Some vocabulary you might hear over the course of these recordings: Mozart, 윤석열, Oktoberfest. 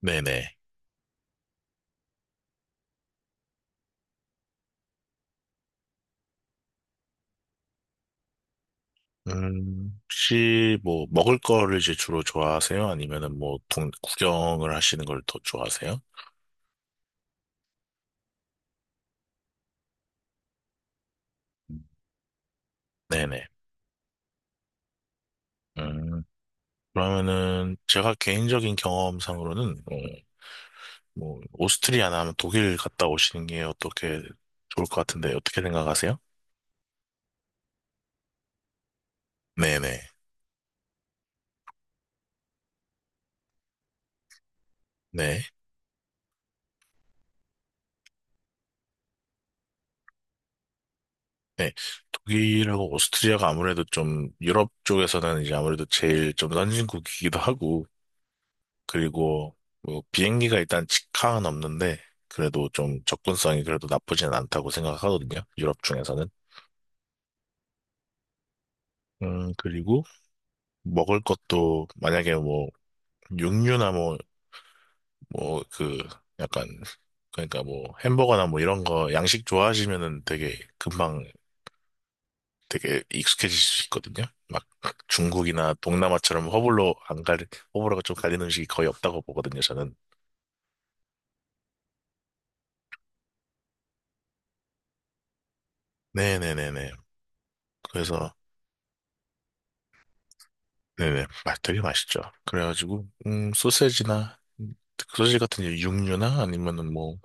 네네. 혹시 뭐 먹을 거를 이제 주로 좋아하세요? 아니면은 뭐 구경을 하시는 걸 더 좋아하세요? 네네. 음, 그러면은 제가 개인적인 경험상으로는 뭐 오스트리아나 아니면 독일 갔다 오시는 게 어떻게 좋을 것 같은데 어떻게 생각하세요? 네네. 네. 네. 독일하고 오스트리아가 아무래도 좀 유럽 쪽에서는 이제 아무래도 제일 좀 선진국이기도 하고, 그리고 뭐 비행기가 일단 직항은 없는데 그래도 좀 접근성이 그래도 나쁘진 않다고 생각하거든요. 유럽 중에서는. 그리고 먹을 것도 만약에 뭐 육류나 뭐 약간, 그러니까 뭐 햄버거나 뭐 이런 거 양식 좋아하시면은 되게 금방 되게 익숙해질 수 있거든요. 막 중국이나 동남아처럼 허블로 안 갈, 허블호가 좀 갈리는 음식이 거의 없다고 보거든요, 저는. 네네네네. 그래서 되게 맛있죠. 그래가지고, 소세지나, 소세지 같은 이제 육류나 아니면은 뭐,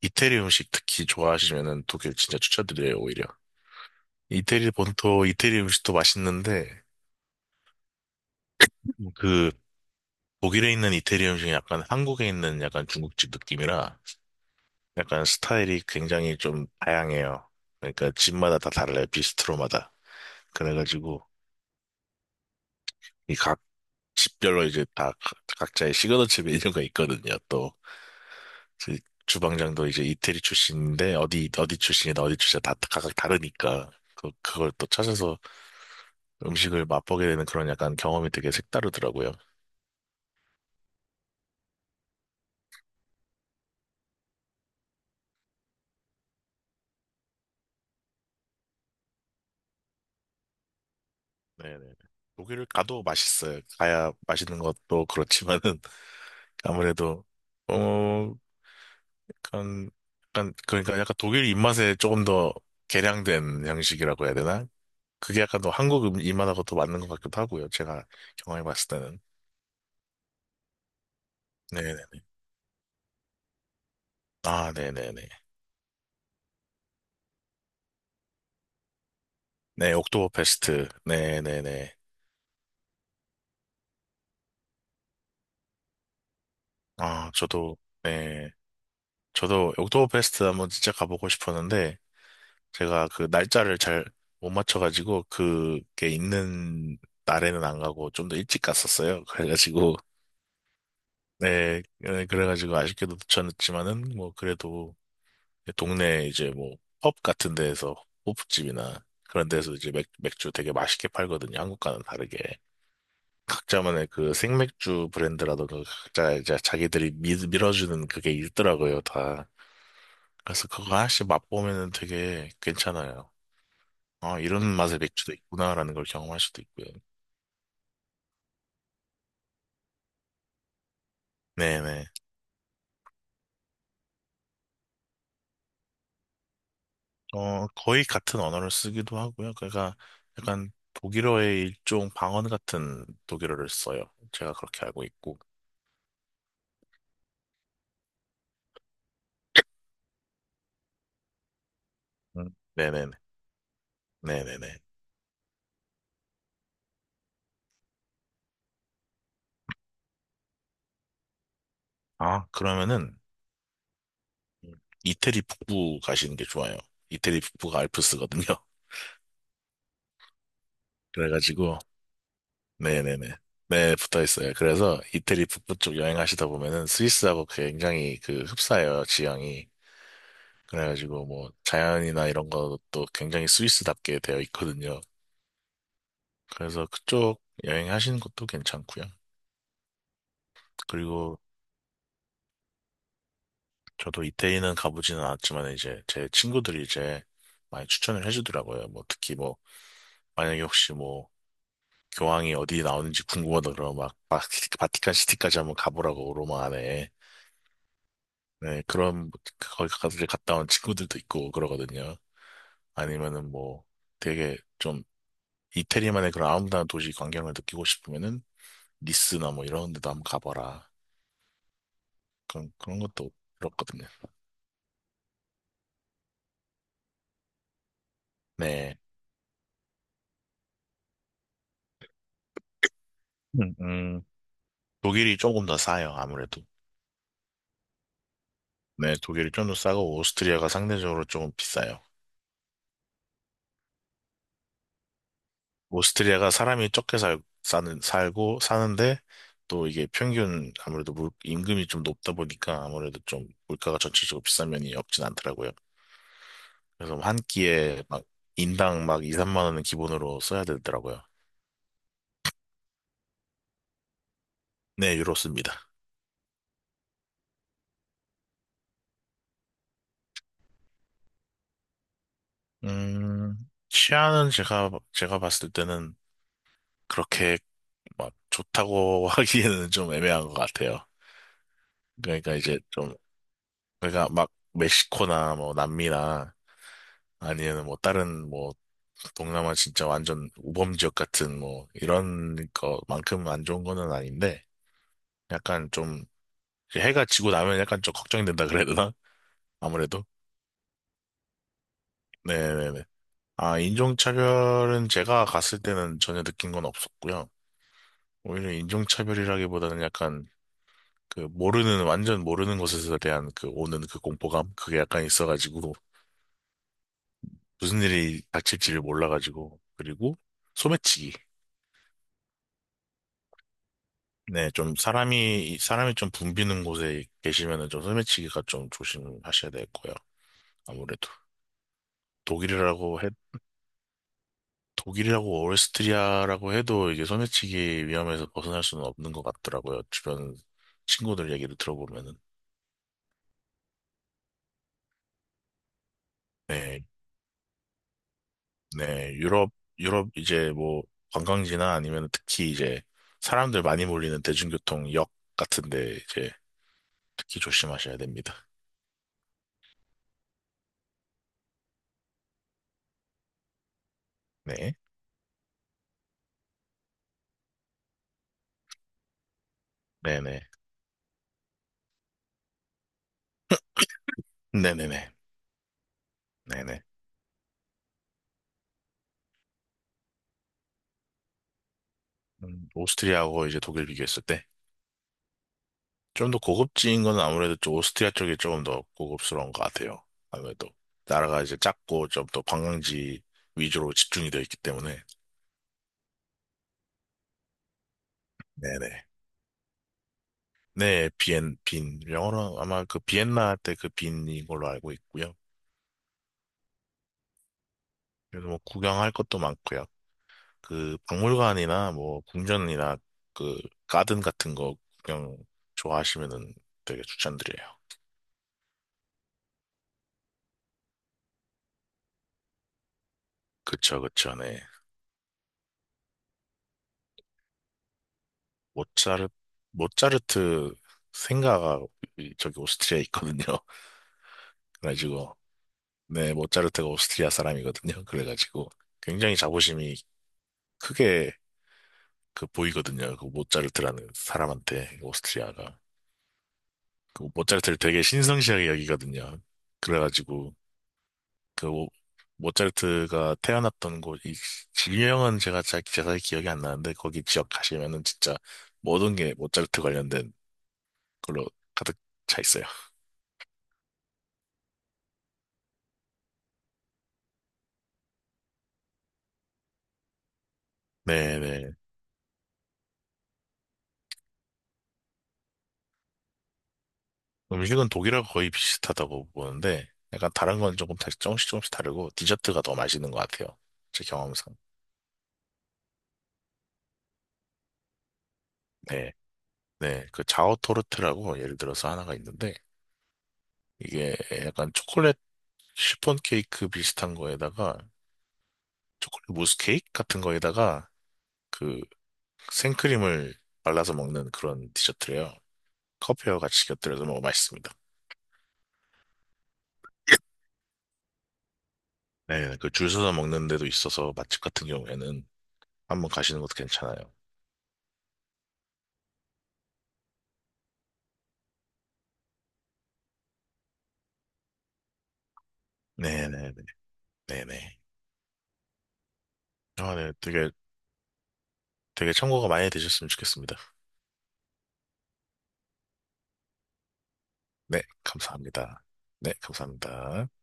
이태리 음식 특히 좋아하시면은 독일 진짜 추천드려요, 오히려. 이태리 본토, 이태리 음식도 맛있는데, 음, 그, 독일에 있는 이태리 음식이 약간 한국에 있는 약간 중국집 느낌이라, 약간 스타일이 굉장히 좀 다양해요. 그러니까 집마다 다 달라요, 비스트로마다. 그래가지고, 이 각 집별로 이제 다 각자의 시그너처 메뉴가 있거든요, 또. 그 주방장도 이제 이태리 출신인데 어디 어디 출신이다 어디 출신이다 다 각각 다르니까 그걸 또 찾아서 음식을 맛보게 되는 그런 약간 경험이 되게 색다르더라고요. 네네. 독일을 가도 맛있어요. 가야 맛있는 것도 그렇지만은 아무래도 어 약간 약간 그러니까 약간 독일 입맛에 조금 더 개량된 양식이라고 해야 되나? 그게 약간 더 한국 입맛하고 더 맞는 것 같기도 하고요. 제가 경험해봤을 때는. 네네네. 아 네네네. 네, 옥토버페스트. 네, 네, 네. 아, 저도, 네. 저도 옥토버페스트 한번 진짜 가보고 싶었는데, 제가 그 날짜를 잘 못 맞춰가지고, 그게 있는 날에는 안 가고, 좀 더 일찍 갔었어요. 그래가지고, 네, 네, 그래가지고 아쉽게도 놓쳤지만은, 뭐, 그래도, 동네 이제 뭐, 펍 같은 데에서, 호프집이나 그런 데서 이제 맥주 되게 맛있게 팔거든요. 한국과는 다르게. 각자만의 그 생맥주 브랜드라던가 각자 이제 자기들이 어주는 그게 있더라고요, 다. 그래서 그거 하나씩 맛보면은 되게 괜찮아요. 아, 이런 맛의 맥주도 있구나라는 걸 경험할 수도 있고요. 네네. 어, 거의 같은 언어를 쓰기도 하고요. 그러니까 약간 독일어의 일종 방언 같은 독일어를 써요. 제가 그렇게 알고 있고. 음, 네네네. 네네네. 아, 그러면은 이태리 북부 가시는 게 좋아요. 이태리 북부가 알프스거든요. 그래가지고 네네네. 네, 붙어 있어요. 그래서 이태리 북부 쪽 여행하시다 보면은 스위스하고 굉장히 그 흡사해요, 지형이. 그래가지고 뭐 자연이나 이런 것도 굉장히 스위스답게 되어 있거든요. 그래서 그쪽 여행하시는 것도 괜찮고요. 그리고 저도 이태리는 가보지는 않았지만 이제 제 친구들이 이제 많이 추천을 해주더라고요. 뭐 특히 뭐 만약에 혹시 뭐 교황이 어디 나오는지 궁금하다 그러면 막 바티칸 시티까지 한번 가보라고 로마 안에. 네, 그런, 거기 가서 갔다 온 친구들도 있고 그러거든요. 아니면은 뭐 되게 좀 이태리만의 그런 아름다운 도시 광경을 느끼고 싶으면은 니스나 뭐 이런 데도 한번 가봐라. 그런, 그런 것도 들었거든요. 네. 음, 음, 독일이 조금 더 싸요, 아무래도. 네, 독일이 좀 더 싸고 오스트리아가 상대적으로 조금 비싸요. 오스트리아가 사람이 살고 사는데 또 이게 평균 아무래도 임금이 좀 높다 보니까 아무래도 좀 물가가 전체적으로 비싼 면이 없진 않더라고요. 그래서 뭐 한 끼에 막 인당 막 2, 3만 원은 기본으로 써야 되더라고요. 네, 유로 씁니다. 음, 치아는 제가 봤을 때는 그렇게 막 좋다고 하기에는 좀 애매한 것 같아요. 그러니까 이제 좀, 그러니까 막 멕시코나 뭐 남미나 아니면 뭐 다른 뭐 동남아 진짜 완전 우범 지역 같은 뭐 이런 거만큼 안 좋은 거는 아닌데 약간 좀 이제 해가 지고 나면 약간 좀 걱정이 된다 그래야 되나? 아무래도. 네네네. 아, 인종차별은 제가 갔을 때는 전혀 느낀 건 없었고요. 오히려 인종차별이라기보다는 약간 그 모르는, 완전 모르는 곳에서 대한 그 오는 그 공포감? 그게 약간 있어가지고 무슨 일이 닥칠지를 몰라가지고. 그리고 소매치기. 네, 좀 사람이 좀 붐비는 곳에 계시면은 좀 소매치기가 좀 조심하셔야 될 거예요. 아무래도. 독일이라고 독일이라고 오레스트리아라고 해도 이게 소매치기 위험에서 벗어날 수는 없는 것 같더라고요. 주변 친구들 얘기를 들어보면은. 네, 네, 유럽 이제 뭐 관광지나 아니면 특히 이제 사람들 많이 몰리는 대중교통 역 같은데 이제 특히 조심하셔야 됩니다. 네, 네네, 네네네, 네네. 오스트리아하고 이제 독일 비교했을 때. 좀 더 고급진 건 아무래도 좀 오스트리아 쪽이 조금 더 고급스러운 것 같아요. 아무래도 나라가 이제 작고 좀 더 관광지 위주로 집중이 되어 있기 때문에. 네네. 네, 빈. 영어로 아마 그 비엔나 때 그 빈인 걸로 알고 있고요. 그래서 뭐 구경할 것도 많고요. 그 박물관이나 뭐 궁전이나 그 가든 같은 거 구경 좋아하시면은 되게 추천드려요. 그쵸, 그쵸, 네. 모차르 모차르트 생가가 저기 오스트리아에 있거든요. 그래가지고 네 모차르트가 오스트리아 사람이거든요. 그래가지고 굉장히 자부심이 크게 그 보이거든요. 그 모차르트라는 사람한테 오스트리아가 그 모차르트를 되게 신성시하게 여기거든요. 그래가지고 그 모- 모차르트가 태어났던 곳, 이 지명은 제가 기억이 안 나는데 거기 지역 가시면은 진짜 모든 게 모차르트 관련된 걸로 가득 차 있어요. 네네. 음식은 독일하고 거의 비슷하다고 보는데 약간 다른 건 조금씩 조금씩 다르고 디저트가 더 맛있는 것 같아요. 제 경험상. 네. 네. 그 자오토르트라고 예를 들어서 하나가 있는데 이게 약간 초콜릿 시폰 케이크 비슷한 거에다가 초콜릿 무스 케이크 같은 거에다가 그 생크림을 발라서 먹는 그런 디저트래요. 커피와 같이 곁들여서 먹으면 맛있습니다. 네. 그 줄 서서 먹는 데도 있어서 맛집 같은 경우에는 한번 가시는 것도 괜찮아요. 네네네. 네네. 아, 네. 되게 참고가 많이 되셨으면 좋겠습니다. 네, 감사합니다. 네, 감사합니다.